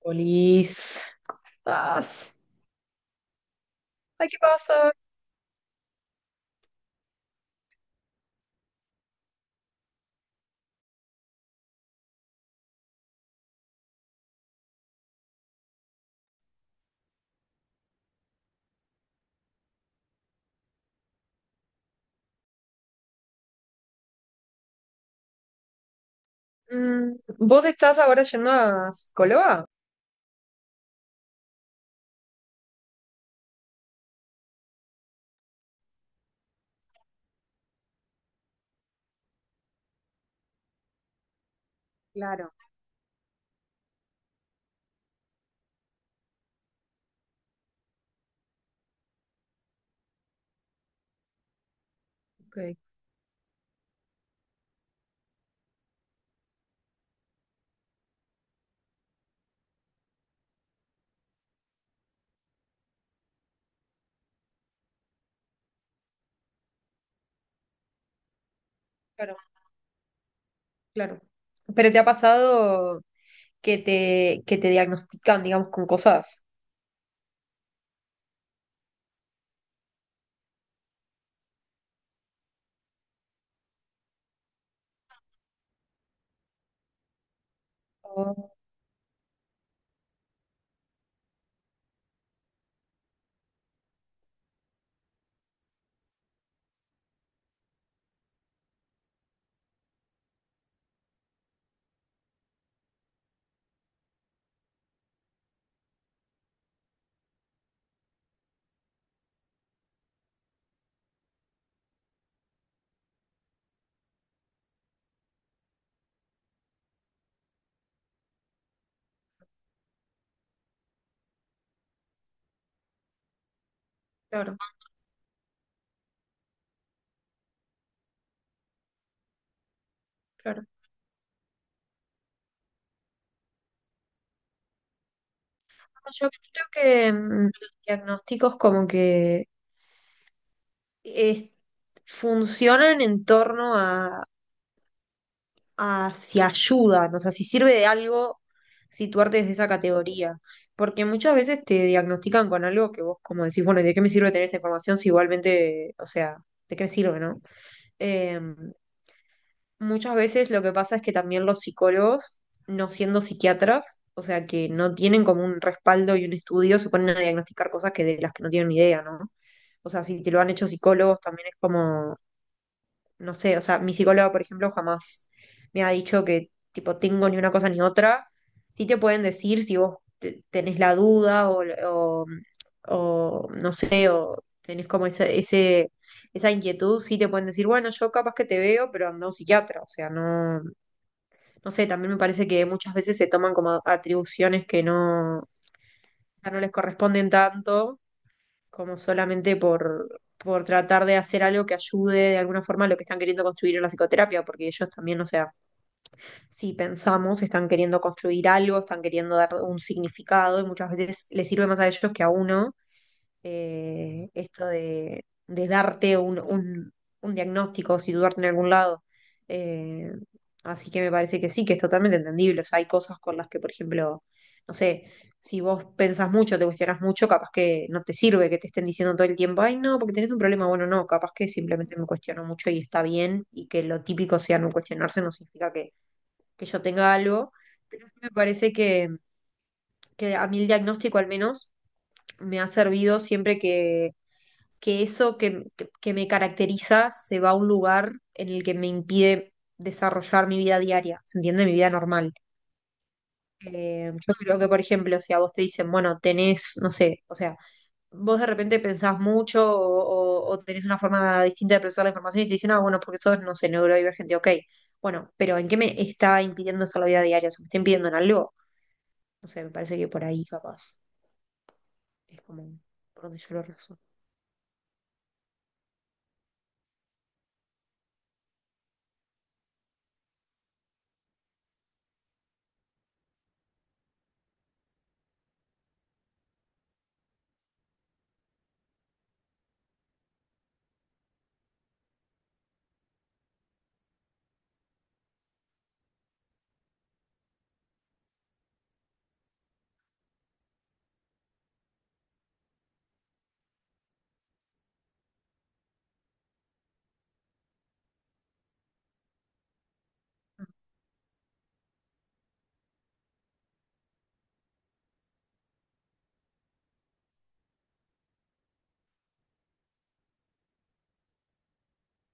Polis, Estás- Ay, ¿qué pasa? Mm, ¿vos estás ahora yendo a psicóloga? Claro. Ok, claro, claro. ¿Pero te ha pasado que te diagnostican, digamos, con cosas? Oh, claro, claro. No, yo creo que mm, los diagnósticos como que es- funcionan en torno a si ayudan, o sea, si sirve de algo situarte desde esa categoría. Porque muchas veces te diagnostican con algo que vos como decís, bueno, ¿y de qué me sirve tener esta información si igualmente, o sea, ¿de qué me sirve, no? Eh, Muchas veces lo que pasa es que también los psicólogos, no siendo psiquiatras, o sea, que no tienen como un respaldo y un estudio, se ponen a diagnosticar cosas que de las que no tienen ni idea, ¿no? O sea, si te lo han hecho psicólogos, también es como no sé, o sea, mi psicóloga, por ejemplo, jamás me ha dicho que tipo tengo ni una cosa ni otra. Sí te pueden decir si vos tenés la duda o o, no sé, o tenés como ese, esa inquietud, sí te pueden decir, bueno, yo capaz que te veo, pero anda a un psiquiatra. O sea, no, no sé, también me parece que muchas veces se toman como atribuciones que no, no les corresponden tanto como solamente por tratar de hacer algo que ayude de alguna forma a lo que están queriendo construir en la psicoterapia, porque ellos también, o sea, si pensamos, están queriendo construir algo, están queriendo dar un significado y muchas veces les sirve más a ellos que a uno esto de darte un diagnóstico, situarte en algún lado. Eh, Así que me parece que sí, que es totalmente entendible. O sea, hay cosas con las que, por ejemplo, no sé, si vos pensás mucho, te cuestionás mucho, capaz que no te sirve que te estén diciendo todo el tiempo, ay, no, porque tenés un problema. Bueno, no, capaz que simplemente me cuestiono mucho y está bien, y que lo típico sea no cuestionarse, no significa que yo tenga algo. Pero sí me parece que a mí el diagnóstico al menos me ha servido siempre que eso que, que me caracteriza se va a un lugar en el que me impide desarrollar mi vida diaria, ¿se entiende? Mi vida normal. Yo creo que, por ejemplo, si a vos te dicen, bueno, tenés, no sé, o sea, vos de repente pensás mucho o o tenés una forma distinta de procesar la información y te dicen, ah, bueno, porque sos, no sé, neurodivergente, ok. Bueno, pero ¿en qué me está impidiendo esto la vida diaria? O sea, ¿me está impidiendo en algo? No sé, me parece que por ahí capaz es como por donde yo lo resuelvo.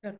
Claro.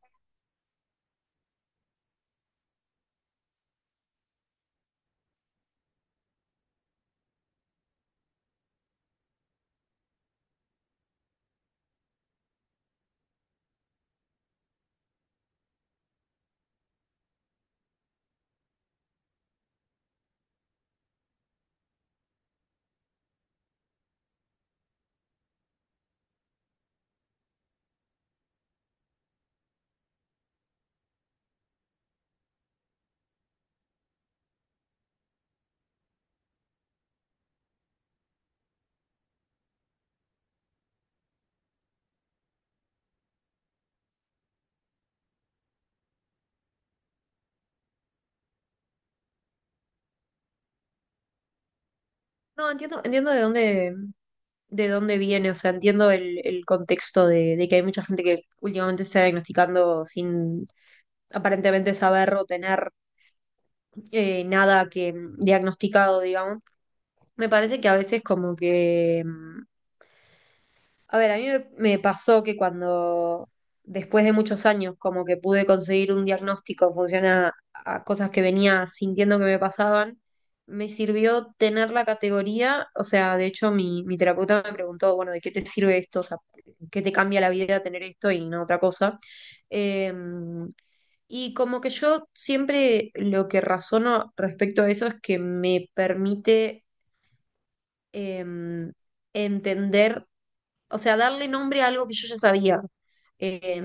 No, entiendo, entiendo de dónde viene, o sea, entiendo el contexto de que hay mucha gente que últimamente se está diagnosticando sin aparentemente saber o tener nada que diagnosticado, digamos. Me parece que a veces como que mm, a ver, a mí me pasó que cuando, después de muchos años, como que pude conseguir un diagnóstico en función a cosas que venía sintiendo que me pasaban, me sirvió tener la categoría, o sea, de hecho mi, mi terapeuta me preguntó, bueno, ¿de qué te sirve esto? O sea, ¿qué te cambia la vida tener esto y no otra cosa? Em, y como que yo siempre lo que razono respecto a eso es que me permite em, entender, o sea, darle nombre a algo que yo ya sabía. Eh,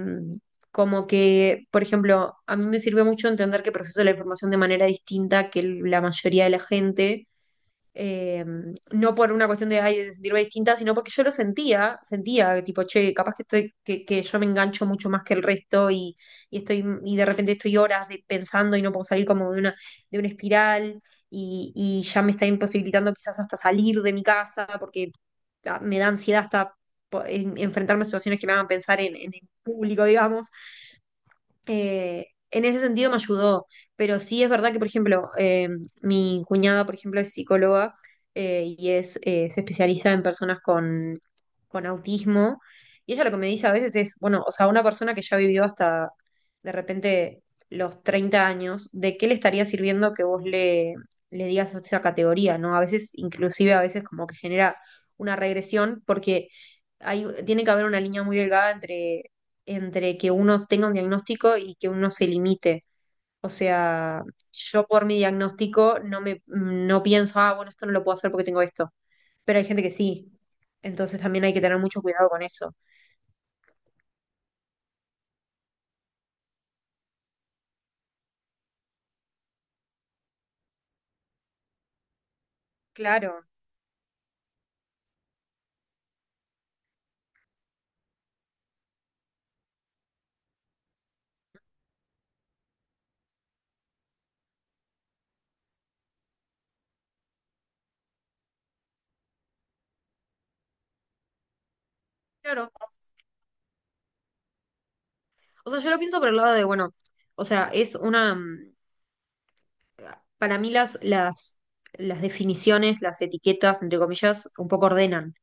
como que, por ejemplo, a mí me sirvió mucho entender que proceso la información de manera distinta que la mayoría de la gente eh, no por una cuestión de, ay, de sentirme distinta, sino porque yo lo sentía, sentía, tipo, che, capaz que estoy, que yo me engancho mucho más que el resto y estoy, y de repente estoy horas pensando y no puedo salir como de una espiral y ya me está imposibilitando quizás hasta salir de mi casa porque ah, me da ansiedad hasta enfrentarme a situaciones que me hagan pensar en el público, digamos. En ese sentido me ayudó, pero sí es verdad que, por ejemplo, mi cuñada, por ejemplo, es psicóloga y es, se especializa en personas con autismo. Y ella lo que me dice a veces es, bueno, o sea, una persona que ya vivió hasta de repente los 30 años, ¿de qué le estaría sirviendo que vos le, le digas esa categoría, ¿no? A veces, inclusive a veces como que genera una regresión porque hay, tiene que haber una línea muy delgada entre, entre que uno tenga un diagnóstico y que uno se limite. O sea, yo por mi diagnóstico no me no pienso, ah, bueno, esto no lo puedo hacer porque tengo esto. Pero hay gente que sí. Entonces también hay que tener mucho cuidado con eso. Claro. Claro. O sea, yo lo pienso por el lado de, bueno, o sea, es una, mm, para mí las definiciones, las etiquetas, entre comillas, un poco ordenan.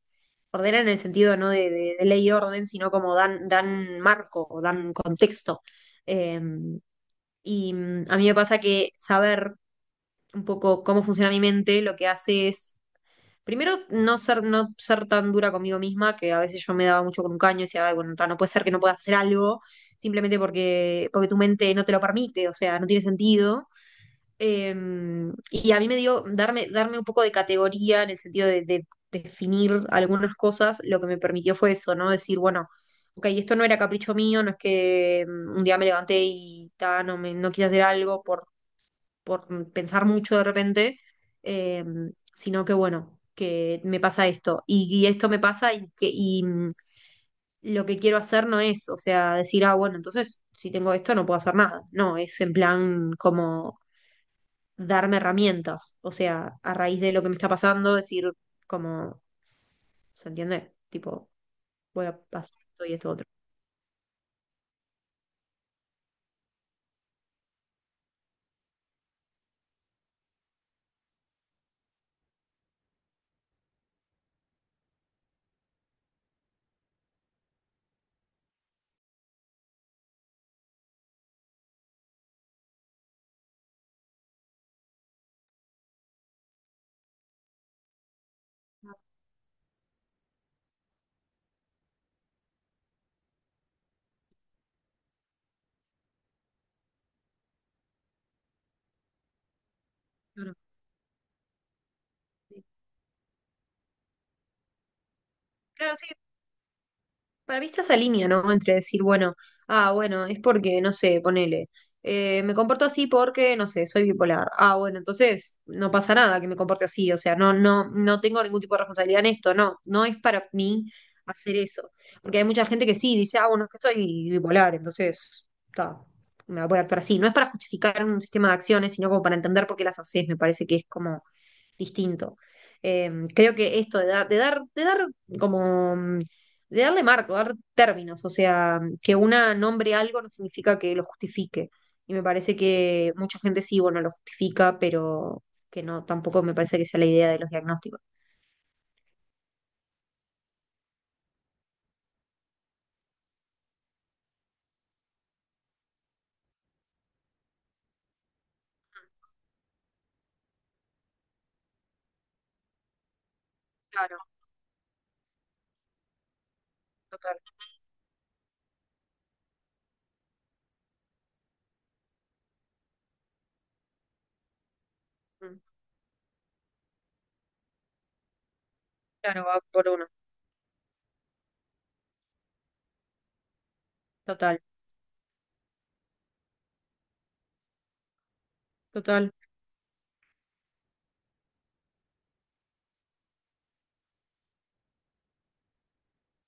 Ordenan en el sentido no de, de ley y orden, sino como dan, dan marco o dan contexto. Eh, y mm, a mí me pasa que saber un poco cómo funciona mi mente, lo que hace es primero, no ser, no ser tan dura conmigo misma, que a veces yo me daba mucho con un caño y decía: "Ay, bueno, ta, no puede ser que no puedas hacer algo simplemente porque, porque tu mente no te lo permite, o sea, no tiene sentido." Eh, y a mí me dio darme, darme un poco de categoría en el sentido de definir algunas cosas, lo que me permitió fue eso, ¿no? Decir, bueno, ok, esto no era capricho mío, no es que mm, un día me levanté y ta, no, me, no quise hacer algo por pensar mucho de repente, eh, sino que bueno, que me pasa esto y esto me pasa y, y mm, lo que quiero hacer no es, o sea, decir, ah, bueno, entonces si tengo esto no puedo hacer nada. No, es en plan como darme herramientas, o sea, a raíz de lo que me está pasando, decir como, ¿se entiende? Tipo, voy a pasar esto y esto otro. Claro, sí. Claro, sí, para mí está esa línea, ¿no? Entre decir, bueno, ah, bueno, es porque, no sé, ponele, me comporto así porque, no sé, soy bipolar. Ah, bueno, entonces no pasa nada que me comporte así, o sea, no, no, no tengo ningún tipo de responsabilidad en esto, no, no es para mí hacer eso. Porque hay mucha gente que sí dice, ah, bueno, es que soy bipolar, entonces, está, me voy a actuar así. No es para justificar un sistema de acciones, sino como para entender por qué las haces, me parece que es como distinto. Creo que esto de dar como, mm, de darle marco, dar términos, o sea, que una nombre algo no significa que lo justifique. Y me parece que mucha gente sí, bueno, lo justifica, pero que no, tampoco me parece que sea la idea de los diagnósticos. Claro, total. Mm, claro, va por uno. Total, total.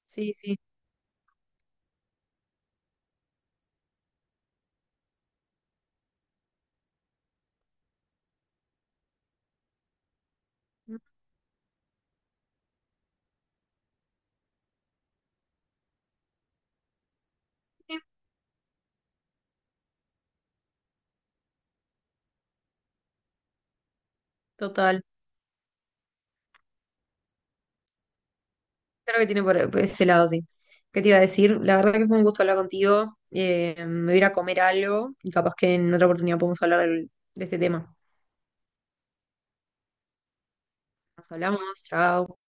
Sí, sí. Mm, sí, total. Claro que tiene por ese lado, sí. ¿Qué te iba a decir? La verdad que fue un gusto hablar contigo. Me voy a ir a comer algo y capaz que en otra oportunidad podemos hablar de este tema. Nos hablamos, chao.